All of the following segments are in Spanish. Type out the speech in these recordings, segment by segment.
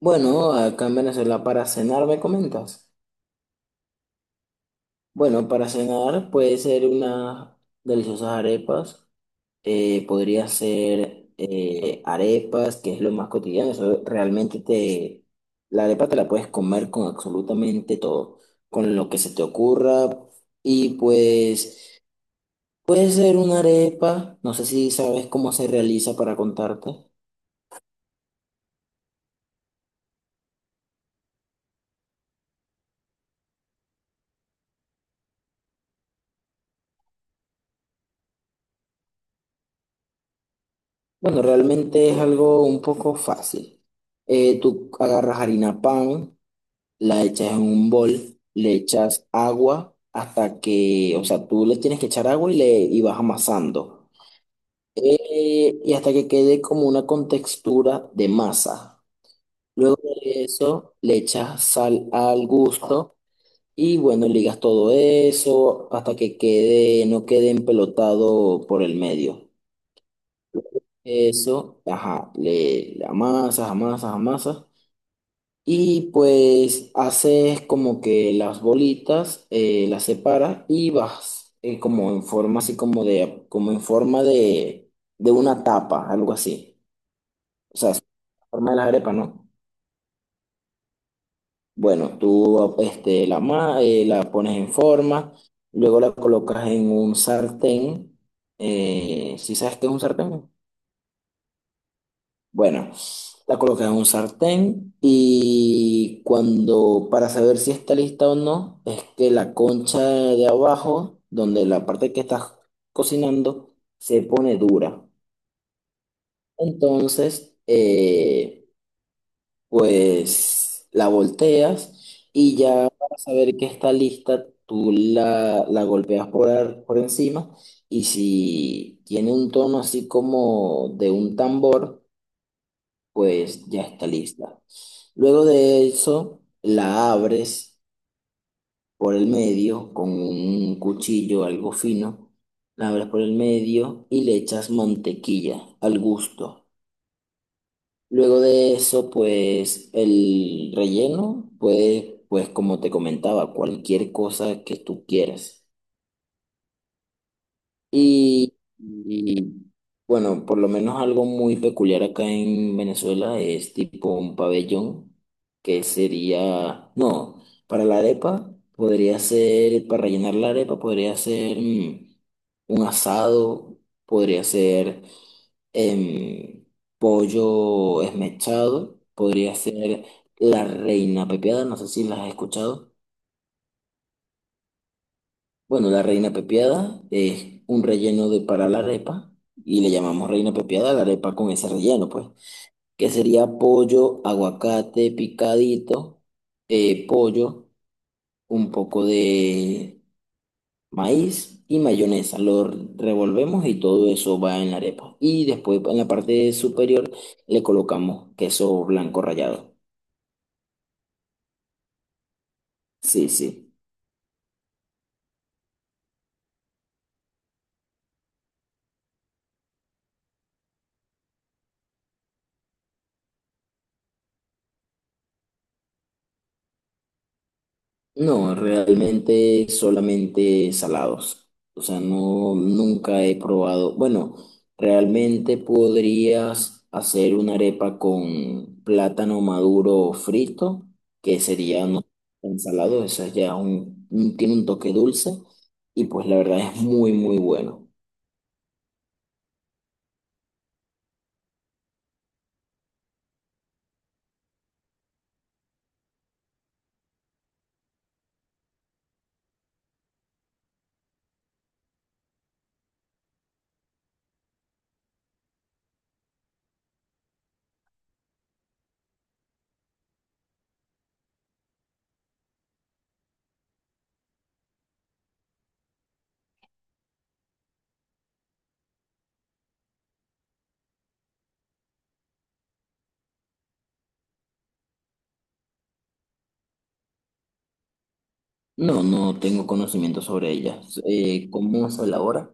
Bueno, acá en Venezuela para cenar, ¿me comentas? Bueno, para cenar puede ser unas deliciosas arepas, podría ser arepas, que es lo más cotidiano, la arepa te la puedes comer con absolutamente todo, con lo que se te ocurra, y pues puede ser una arepa. No sé si sabes cómo se realiza, para contarte. Bueno, realmente es algo un poco fácil. Tú agarras harina pan, la echas en un bol, le echas agua hasta que, o sea, tú le tienes que echar agua y vas amasando. Y hasta que quede como una contextura de masa. Luego de eso, le echas sal al gusto y bueno, ligas todo eso hasta que quede, no quede empelotado por el medio. Eso, ajá, le amasas, amasas, amasas. Y pues haces como que las bolitas, las separas y vas como en forma así como de, como en forma de una tapa, algo así. O sea, es la forma de las arepas, ¿no? Bueno, tú este, la, ma- la pones en forma, luego la colocas en un sartén. ¿Sí sabes qué es un sartén? Bueno, la colocas en un sartén y, cuando, para saber si está lista o no, es que la concha de abajo, donde la parte que estás cocinando, se pone dura. Entonces, pues la volteas, y ya para saber que está lista, tú la golpeas por encima, y si tiene un tono así como de un tambor, pues ya está lista. Luego de eso, la abres por el medio con un cuchillo, algo fino. La abres por el medio y le echas mantequilla al gusto. Luego de eso, pues el relleno, pues, como te comentaba, cualquier cosa que tú quieras. Y, y, bueno, por lo menos algo muy peculiar acá en Venezuela es tipo un pabellón, que sería, no, para la arepa podría ser, para rellenar la arepa podría ser un asado, podría ser em, pollo esmechado, podría ser la reina pepiada. No sé si las has escuchado. Bueno, la reina pepiada es un relleno de para la arepa, y le llamamos reina pepiada a la arepa con ese relleno, pues, que sería pollo, aguacate picadito, eh, pollo, un poco de maíz y mayonesa. Lo revolvemos y todo eso va en la arepa. Y después en la parte superior le colocamos queso blanco rallado. Sí, sí. No, realmente solamente salados. O sea, no, nunca he probado. Bueno, realmente podrías hacer una arepa con plátano maduro frito, que sería no ensalado. Esa ya tiene un toque dulce, y pues la verdad es muy, muy bueno. No, no tengo conocimiento sobre ella. ¿Cómo se elabora?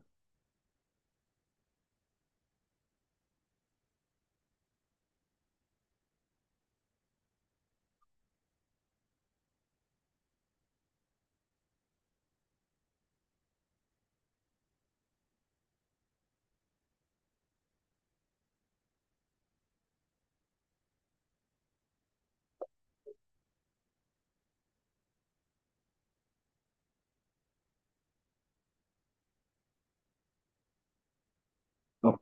No.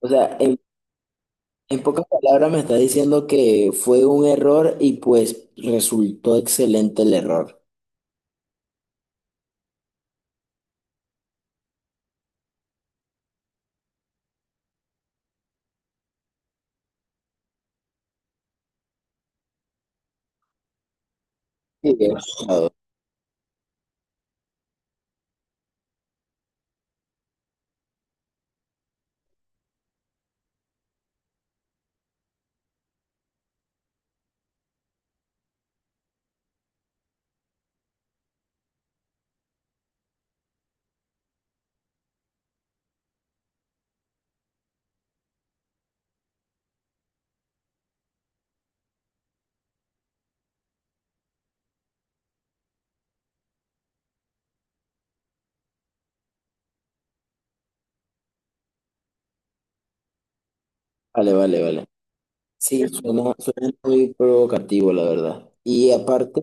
O sea, en pocas palabras me está diciendo que fue un error y pues resultó excelente el error. Sí, bien. Vale, vale, vale. Sí, suena, suena muy provocativo, la verdad. Y aparte,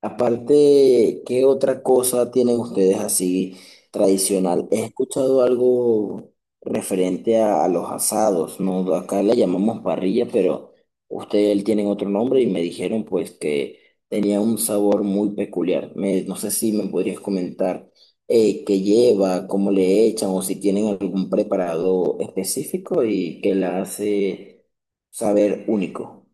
aparte, ¿qué otra cosa tienen ustedes así tradicional? He escuchado algo referente a los asados, ¿no? Acá le llamamos parrilla, pero ustedes tienen otro nombre y me dijeron pues que tenía un sabor muy peculiar. No sé si me podrías comentar qué lleva, cómo le echan, o si tienen algún preparado específico y que la hace saber único.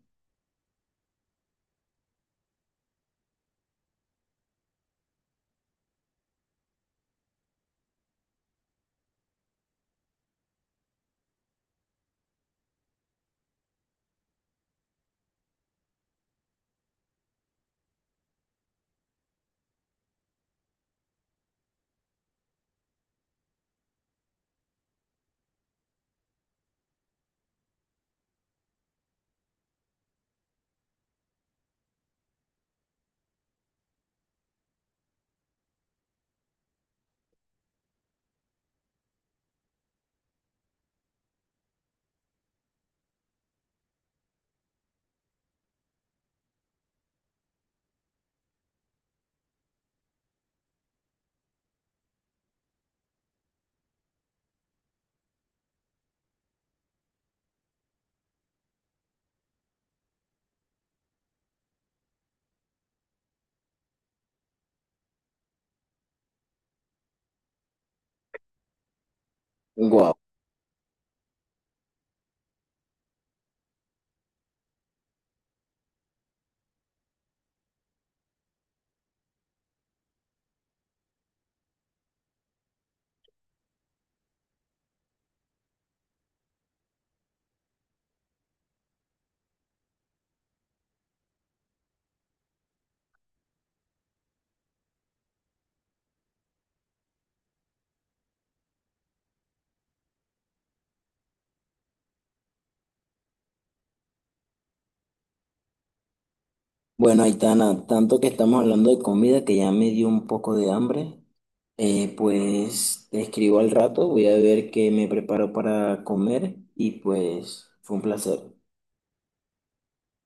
Bueno, Aitana, tanto que estamos hablando de comida que ya me dio un poco de hambre, pues te escribo al rato, voy a ver qué me preparo para comer, y pues fue un placer.